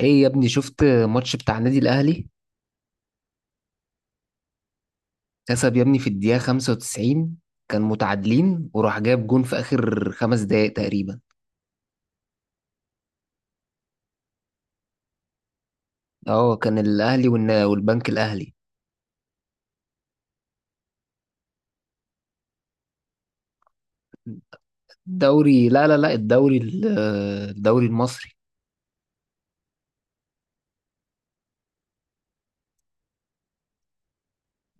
ايه يا ابني، شفت ماتش بتاع النادي الاهلي؟ كسب يا ابني في الدقيقة 95. كان متعادلين وراح جايب جون في اخر 5 دقايق تقريبا. اه، كان الاهلي والبنك الاهلي. الدوري، لا لا لا، الدوري المصري.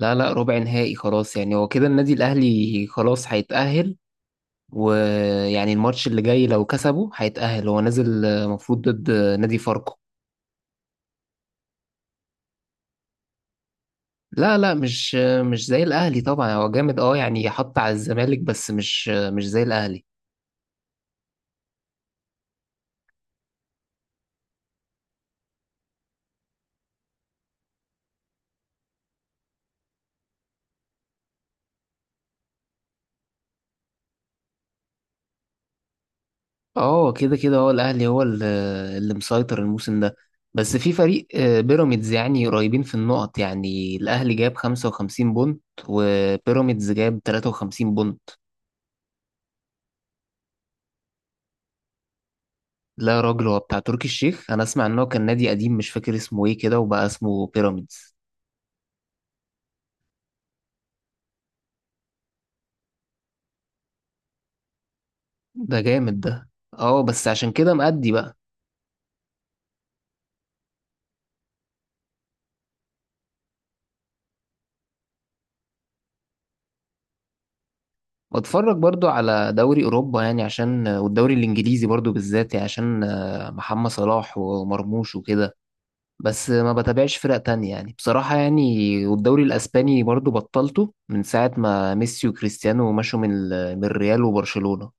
لا لا، ربع نهائي خلاص يعني. هو كده النادي الاهلي خلاص هيتأهل، ويعني الماتش اللي جاي لو كسبه هيتأهل، هو نازل المفروض ضد نادي فاركو. لا لا، مش زي الاهلي طبعا. هو جامد يعني، حط على الزمالك، بس مش زي الاهلي. اه، كده كده هو الاهلي هو اللي مسيطر الموسم ده. بس في فريق بيراميدز يعني قريبين في النقط، يعني الاهلي جاب 55 بونت وبيراميدز جاب 53 بونت. لا يا راجل، هو بتاع تركي الشيخ، انا اسمع ان هو كان نادي قديم مش فاكر اسمه ايه كده، وبقى اسمه بيراميدز. ده جامد ده. اه بس عشان كده مأدي بقى. واتفرج برضو على دوري اوروبا، يعني عشان، والدوري الانجليزي برضو بالذات يعني عشان محمد صلاح ومرموش وكده. بس ما بتابعش فرق تانية يعني بصراحة يعني، والدوري الاسباني برضو بطلته من ساعة ما ميسي وكريستيانو مشوا من الريال وبرشلونة.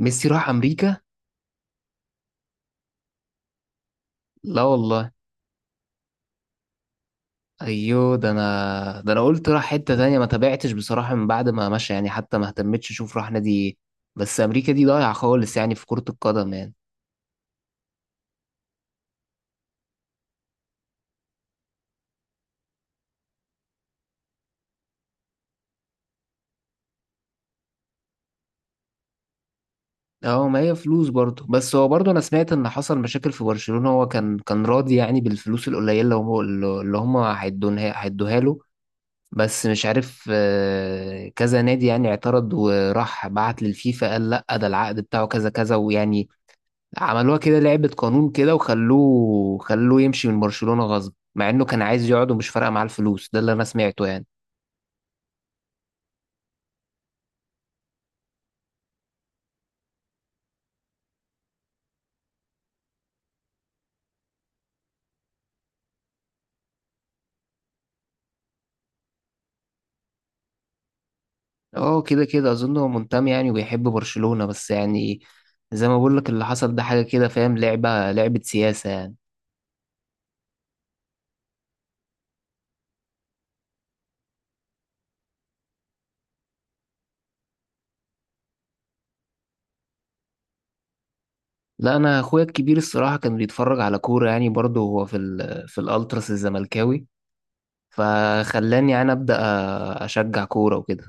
ميسي راح امريكا؟ لا والله. ايوه، ده انا قلت راح حتة تانية، ما تابعتش بصراحة من بعد ما مشى يعني، حتى ما اهتمتش اشوف راح نادي ايه. بس امريكا دي ضايعة خالص يعني في كرة القدم يعني. اه، ما هي فلوس برضه، بس هو برضه انا سمعت ان حصل مشاكل في برشلونة، هو كان راضي يعني بالفلوس القليلة اللي هم هيدوها له. بس مش عارف، كذا نادي يعني اعترض وراح بعت للفيفا، قال لا ده العقد بتاعه كذا كذا، ويعني عملوها كده لعبة قانون كده، وخلوه يمشي من برشلونة غصب، مع انه كان عايز يقعد ومش فارقة معاه الفلوس، ده اللي انا سمعته يعني. اه، كده كده اظن هو منتمي يعني وبيحب برشلونة، بس يعني زي ما بقول لك، اللي حصل ده حاجة كده فاهم، لعبة سياسة يعني. لا، انا اخويا الكبير الصراحة كان بيتفرج على كورة يعني برضه، هو في الالتراس الزملكاوي، فخلاني يعني ابدا اشجع كورة وكده.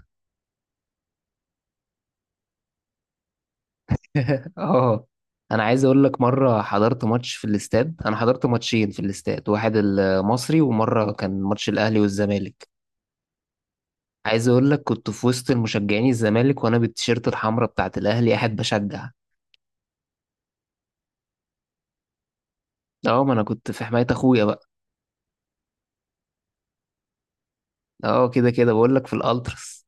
اه. انا عايز اقول لك مرة حضرت ماتش في الاستاد، انا حضرت ماتشين في الاستاد، واحد المصري ومرة كان ماتش الاهلي والزمالك. عايز اقول لك كنت في وسط المشجعين الزمالك وانا بالتيشيرت الحمراء بتاعت الاهلي قاعد بشجع. اه، ما انا كنت في حماية اخويا بقى. اه، كده كده بقول لك في الالتراس.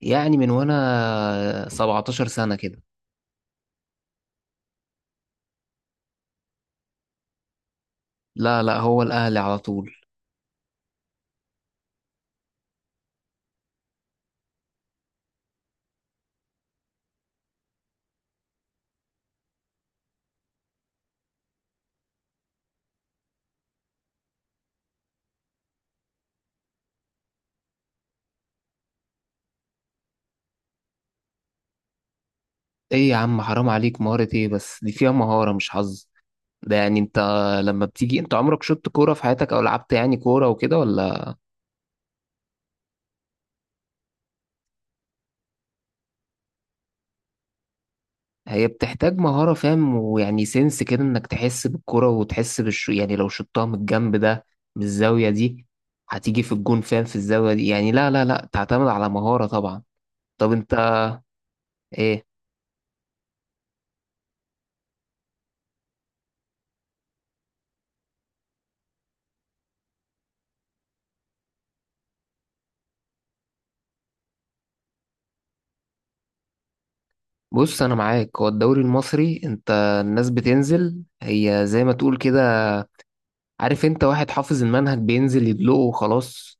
يعني من وانا 17 سنة كده. لا لا، هو الاهلي على طول. ايه يا عم، حرام عليك، مهارة ايه؟ بس دي فيها مهارة مش حظ. ده يعني انت لما بتيجي انت، عمرك شطت كورة في حياتك او لعبت يعني كورة وكده ولا؟ هي بتحتاج مهارة فاهم، ويعني سنس كده انك تحس بالكرة وتحس بالش، يعني لو شطها من الجنب ده، من الزاوية دي، هتيجي في الجون فاهم، في الزاوية دي يعني، لا لا لا، تعتمد على مهارة طبعا. طب انت، ايه؟ بص انا معاك، هو الدوري المصري انت، الناس بتنزل هي زي ما تقول كده، عارف، انت واحد حافظ المنهج بينزل يدلقه وخلاص.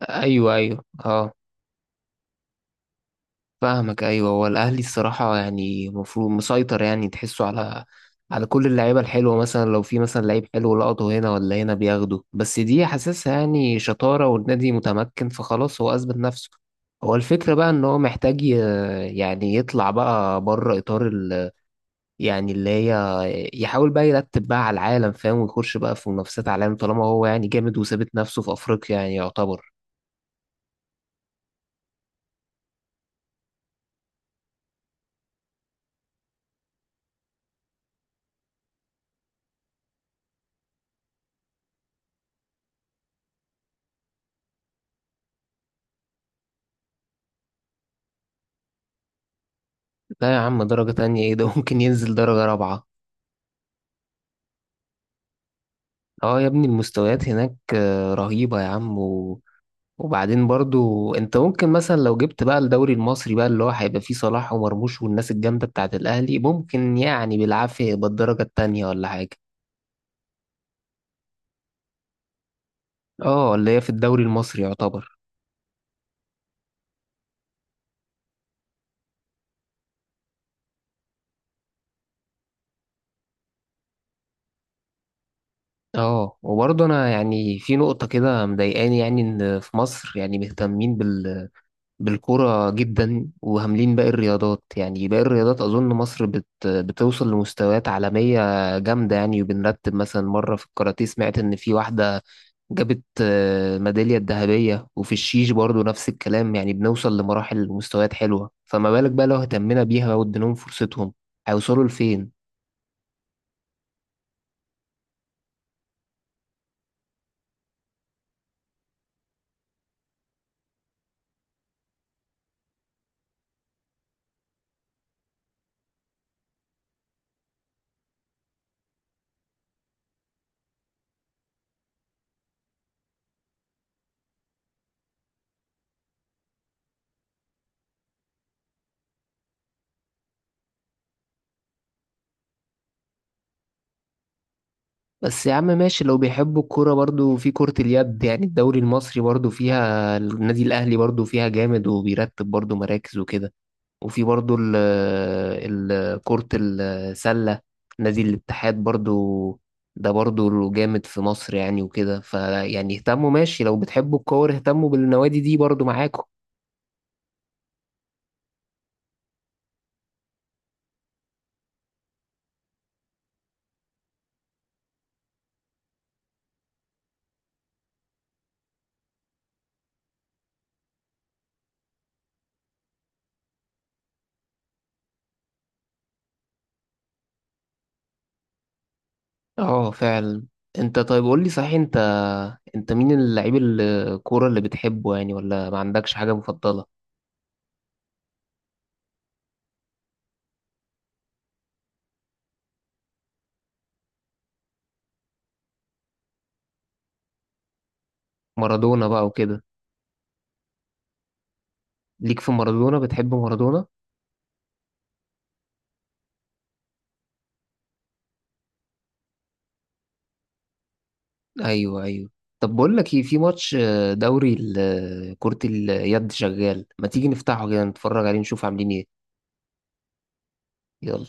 ايوه ايوه، اه فاهمك، ايوه هو الاهلي الصراحه يعني المفروض مسيطر يعني، تحسه على كل اللعيبه الحلوه، مثلا لو في مثلا لعيب حلو لقطه هنا ولا هنا بياخده، بس دي حاسسها يعني شطاره والنادي متمكن فخلاص هو اثبت نفسه. هو الفكره بقى ان هو محتاج يعني يطلع بقى بره اطار ال، يعني اللي هي، يحاول بقى يرتب بقى على العالم فاهم، ويخش بقى في منافسات عالم طالما هو يعني جامد وثابت نفسه في افريقيا يعني يعتبر. لا يا عم، درجه تانية ايه ده؟ ممكن ينزل درجه رابعه. اه يا ابني، المستويات هناك رهيبة يا عم، وبعدين برضو انت ممكن مثلا لو جبت بقى الدوري المصري بقى، اللي هو هيبقى فيه صلاح ومرموش والناس الجامدة بتاعت الأهلي، ممكن يعني بالعافية يبقى الدرجة التانية ولا حاجة. اه، اللي هي في الدوري المصري يعتبر. اه، وبرضه انا يعني في نقطة كده مضايقاني، يعني ان في مصر يعني مهتمين بال بالكرة جدا، وهاملين باقي الرياضات، يعني باقي الرياضات أظن مصر بتوصل لمستويات عالمية جامدة يعني. وبنرتب مثلا، مرة في الكاراتيه سمعت إن في واحدة جابت ميدالية الذهبية، وفي الشيش برضو نفس الكلام، يعني بنوصل لمراحل ومستويات حلوة، فما بالك بقى لو اهتمنا بيها واديناهم فرصتهم هيوصلوا لفين. بس يا عم ماشي، لو بيحبوا الكورة، برضو في كرة اليد يعني، الدوري المصري برضو فيها النادي الأهلي برضو فيها جامد وبيرتب برضو مراكز وكده. وفي برضو كرة السلة، نادي الاتحاد برضو، ده برضو جامد في مصر يعني وكده، فيعني اهتموا، ماشي لو بتحبوا الكورة اهتموا بالنوادي دي برضو معاكم. اه فعلا. انت طيب، قول لي صحيح، انت مين اللعيب الكورة اللي بتحبه يعني؟ ولا ما عندكش حاجة مفضلة؟ مارادونا بقى وكده. ليك في مارادونا؟ بتحب مارادونا؟ ايوه ايوه. طب بقول لك ايه، في ماتش دوري كرة اليد شغال، ما تيجي نفتحه كده نتفرج عليه نشوف عاملين ايه. يلا.